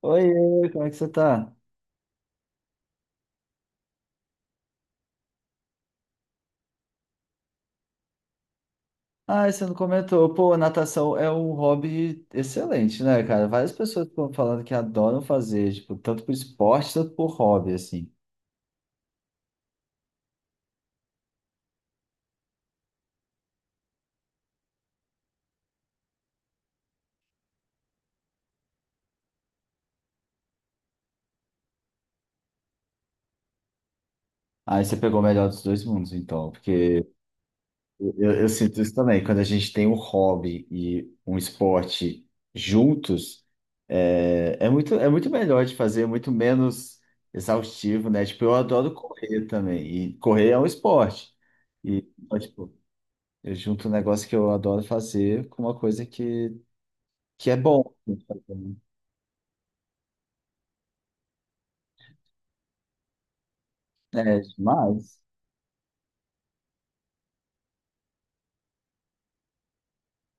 Oi, como é que você tá? Ah, você não comentou. Pô, natação é um hobby excelente, né, cara? Várias pessoas estão falando que adoram fazer, tipo, tanto por esporte, tanto por hobby, assim. Aí você pegou o melhor dos dois mundos, então, porque eu sinto isso também. Quando a gente tem um hobby e um esporte juntos, é muito melhor de fazer, muito menos exaustivo, né? Tipo, eu adoro correr também, e correr é um esporte. E, então, tipo, eu junto um negócio que eu adoro fazer com uma coisa que é bom de fazer, né? É demais.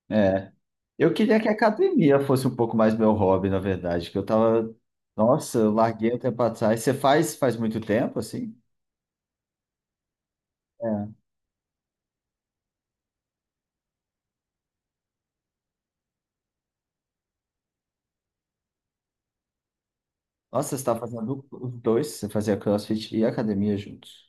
É. Eu queria que a academia fosse um pouco mais meu hobby, na verdade, que eu tava. Nossa, eu larguei um tempo atrás. Você faz muito tempo, assim? É. Nossa, você tá fazendo os dois, você fazia CrossFit e academia juntos.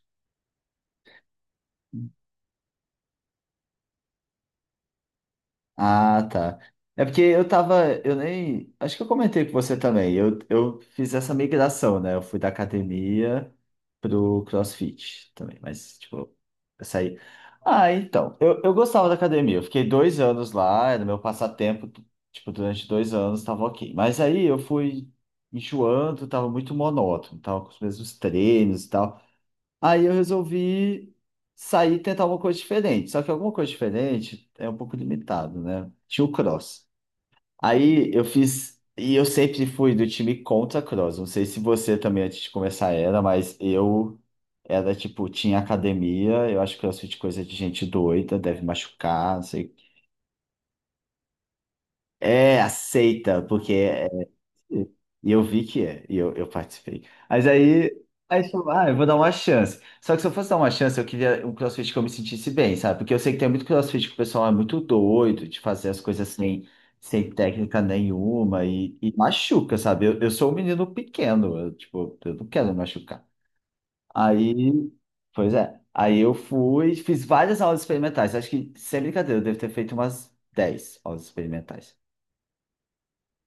Ah, tá. É porque eu tava, eu nem, acho que eu comentei com você também. Eu fiz essa migração, né? Eu fui da academia pro CrossFit também, mas tipo, eu saí. Ah, então, eu gostava da academia. Eu fiquei 2 anos lá, era meu passatempo, tipo, durante 2 anos tava ok. Mas aí eu fui enjoando, tava muito monótono, tava com os mesmos treinos e tal. Aí eu resolvi sair e tentar uma coisa diferente. Só que alguma coisa diferente é um pouco limitado, né? Tinha o cross. Aí eu fiz. E eu sempre fui do time contra cross. Não sei se você também antes de começar era, mas eu era tipo, tinha academia. Eu acho que CrossFit é coisa de gente doida, deve machucar, não sei. É, aceita, porque E e eu vi que é, e eu participei. Mas aí eu falei, ah, eu vou dar uma chance. Só que se eu fosse dar uma chance, eu queria um CrossFit que eu me sentisse bem, sabe? Porque eu sei que tem muito CrossFit que o pessoal é muito doido de fazer as coisas sem técnica nenhuma e machuca, sabe? Eu sou um menino pequeno, eu, tipo, eu não quero me machucar. Aí, pois é. Aí eu fui, fiz várias aulas experimentais. Acho que, sem brincadeira, eu devo ter feito umas 10 aulas experimentais.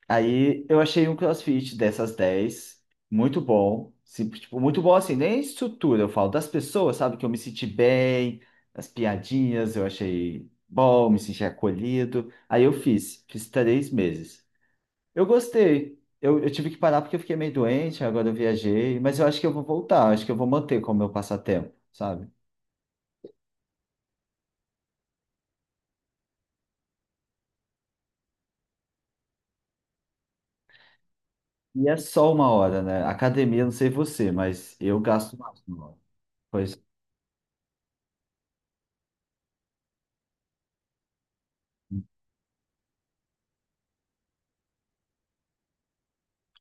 Aí eu achei um CrossFit dessas 10 muito bom. Sim, tipo, muito bom assim, nem estrutura, eu falo das pessoas, sabe? Que eu me senti bem, as piadinhas, eu achei bom, me senti acolhido. Aí eu fiz 3 meses. Eu gostei. Eu tive que parar porque eu fiquei meio doente, agora eu viajei, mas eu acho que eu vou voltar, eu acho que eu vou manter como meu passatempo, sabe? E é só uma hora, né? Academia, não sei você, mas eu gasto mais uma hora. Pois é.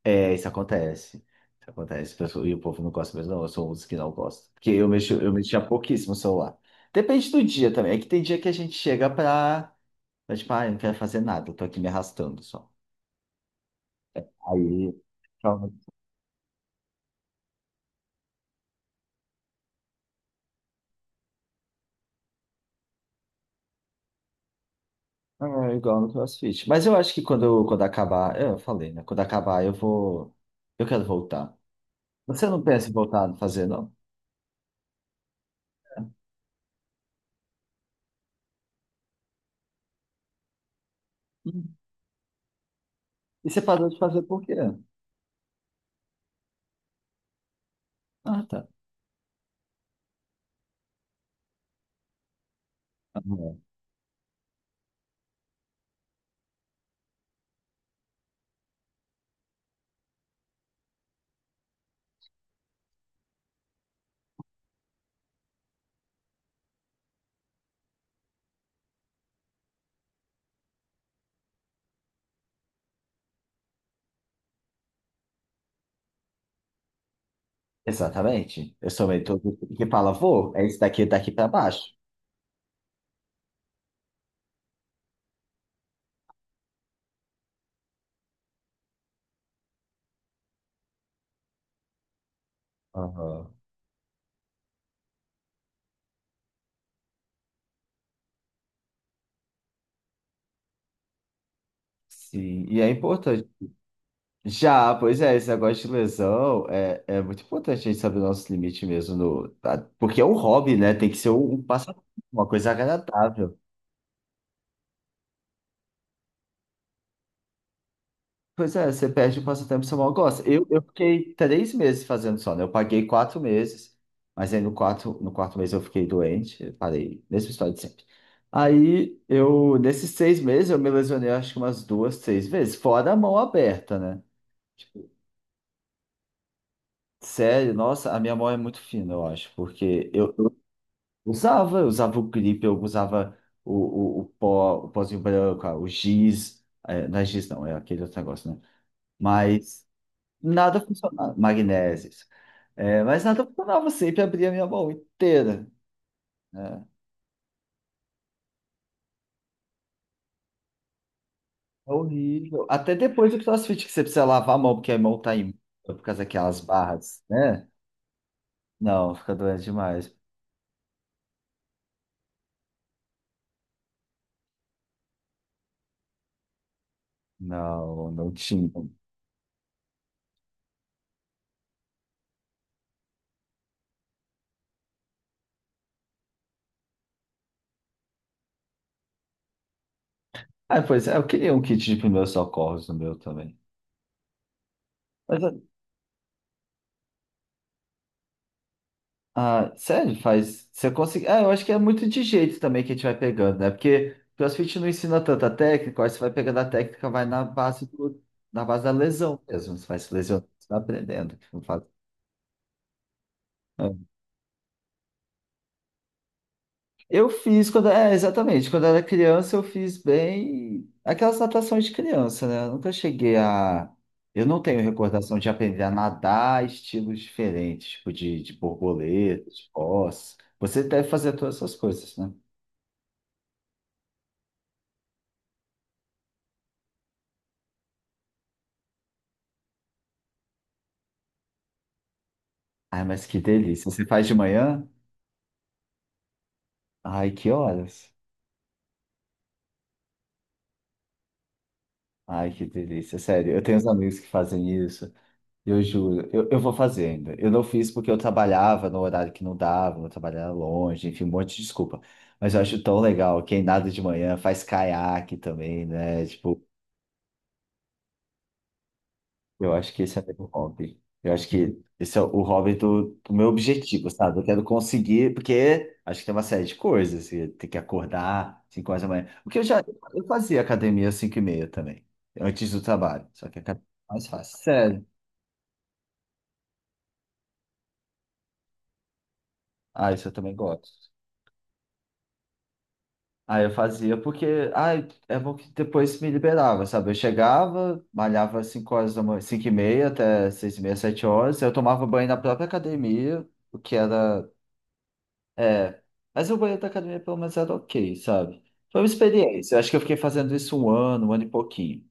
É, isso acontece. Isso acontece. E o povo não gosta mesmo, não. Eu sou um dos que não gosta. Porque eu mexo, eu mexia pouquíssimo no celular. Depende do dia também. É que tem dia que a gente chega pra, tipo, ah, eu não quero fazer nada, eu tô aqui me arrastando só. Aí. Calma. É igual no CrossFit. Mas eu acho que quando acabar. Eu falei, né? Quando acabar, eu vou. Eu quero voltar. Você não pensa em voltar a fazer, não? Hum. E você parou de fazer por quê? Ah, tá. Ah, é. Exatamente. Eu sou meio todo que fala, vou, é isso daqui, daqui pra baixo. Aham. Sim, e é importante. Já, pois é, esse negócio de lesão é muito importante a gente saber o nosso limite mesmo, no, tá? Porque é um hobby, né? Tem que ser um passatempo, uma coisa agradável. Pois é, você perde o passatempo que você mal gosta. Eu fiquei 3 meses fazendo só, né? Eu paguei 4 meses, mas aí no quarto, mês eu fiquei doente, parei, mesma história de sempre. Aí eu, nesses 6 meses, eu me lesionei acho que umas duas, três vezes, fora a mão aberta, né? Tipo, sério, nossa, a minha mão é muito fina, eu acho, porque eu usava, eu usava o gripe, eu usava o pó, o pozinho branco, ah, o giz, é, não é giz não, é aquele outro negócio, né? Mas nada funcionava, magnésios é, mas nada funcionava, sempre abria a minha mão inteira, né? É horrível. Até depois do CrossFit, que você precisa lavar a mão, porque a mão tá imunda por causa daquelas barras, né? Não, fica doente demais. Não, não tinha. Ah, pois é, eu queria um kit de primeiros socorros no meu também. Mas, ah, sério, faz. Você consegue. Ah, eu acho que é muito de jeito também que a gente vai pegando, né? Porque CrossFit não ensina tanta técnica, aí você vai pegando a técnica, vai na base da lesão mesmo. Você vai se lesionando, você vai aprendendo. Não faz- Ah. Eu fiz quando. É, exatamente. Quando eu era criança, eu fiz bem aquelas natações de criança, né? Eu nunca cheguei a. Eu não tenho recordação de aprender a nadar estilos diferentes, tipo de borboleta, de cos. Você deve fazer todas essas coisas, né? Ai, mas que delícia. Você faz de manhã? Ai, que horas? Ai, que delícia. Sério, eu tenho uns amigos que fazem isso. Eu juro, eu vou fazer ainda. Eu não fiz porque eu trabalhava no horário que não dava, eu trabalhava longe, enfim, um monte de desculpa. Mas eu acho tão legal. Quem nada de manhã faz caiaque também, né? Tipo, eu acho que esse é meu hobby. Eu acho que esse é o hobby do meu objetivo, sabe? Eu quero conseguir, porque acho que tem uma série de coisas. Você tem que acordar 5 horas da manhã. O que eu já eu fazia academia às 5 e meia também, antes do trabalho. Só que academia é mais fácil. Sério. Ah, isso eu também gosto. Ah, eu fazia porque, ah, é bom que depois me liberava, sabe? Eu chegava, malhava 5 horas da manhã, 5h30 até 6h30, 7 horas. Eu tomava banho na própria academia, o que era É, mas o banheiro da academia pelo menos era ok, sabe? Foi uma experiência. Eu acho que eu fiquei fazendo isso um ano e pouquinho.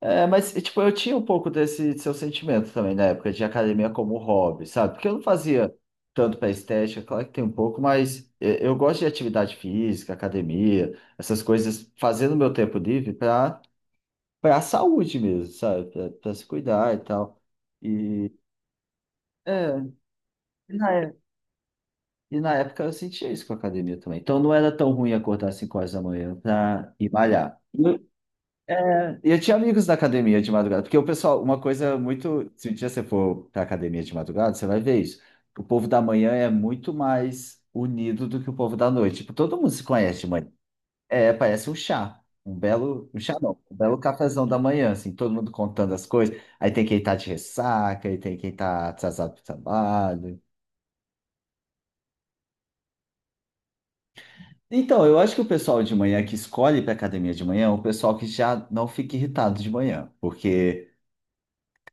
É, mas, e, tipo, eu tinha um pouco desse seu sentimento também na época de academia como hobby, sabe? Porque eu não fazia tanto para estética, claro que tem um pouco, mas é, eu gosto de atividade física, academia, essas coisas, fazendo meu tempo livre para a saúde mesmo, sabe? Para se cuidar e tal. E é, na E na época eu sentia isso com a academia também. Então não era tão ruim acordar às 5 horas da manhã para ir malhar. E eu tinha amigos da academia de madrugada, porque o pessoal, uma coisa muito. Se um dia você for para academia de madrugada, você vai ver isso. O povo da manhã é muito mais unido do que o povo da noite. Tipo, todo mundo se conhece de manhã. É, parece um chá. Um belo, um chá não, um belo cafezão da manhã, assim, todo mundo contando as coisas. Aí tem quem tá de ressaca, aí tem quem tá atrasado pro trabalho. Então, eu acho que o pessoal de manhã que escolhe para academia de manhã é o pessoal que já não fica irritado de manhã, porque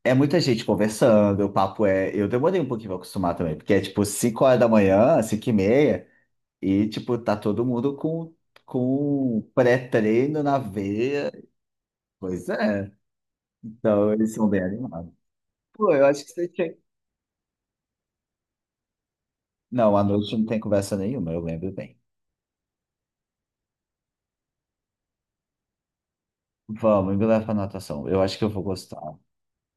é muita gente conversando, o papo é. Eu demorei um pouquinho para acostumar também, porque é tipo 5 horas da manhã, 5 e meia, e tipo, tá todo mundo com pré-treino na veia. Pois é, então eles são bem animados. Pô, eu acho que você tinha. Não, à noite não tem conversa nenhuma, eu lembro bem. Vamos, me leva pra natação. Eu acho que eu vou gostar,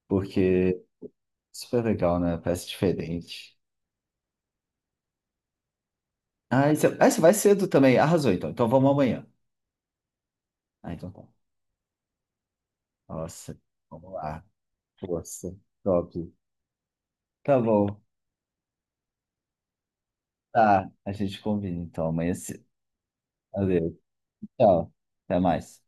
porque é super legal, né? Parece diferente. Ah, você vai cedo também. Arrasou, então. Então vamos amanhã. Ah, então tá. Nossa, vamos lá. Força. Top. Tá bom. Tá, a gente combina então amanhã é cedo. Valeu. Tchau. Até mais.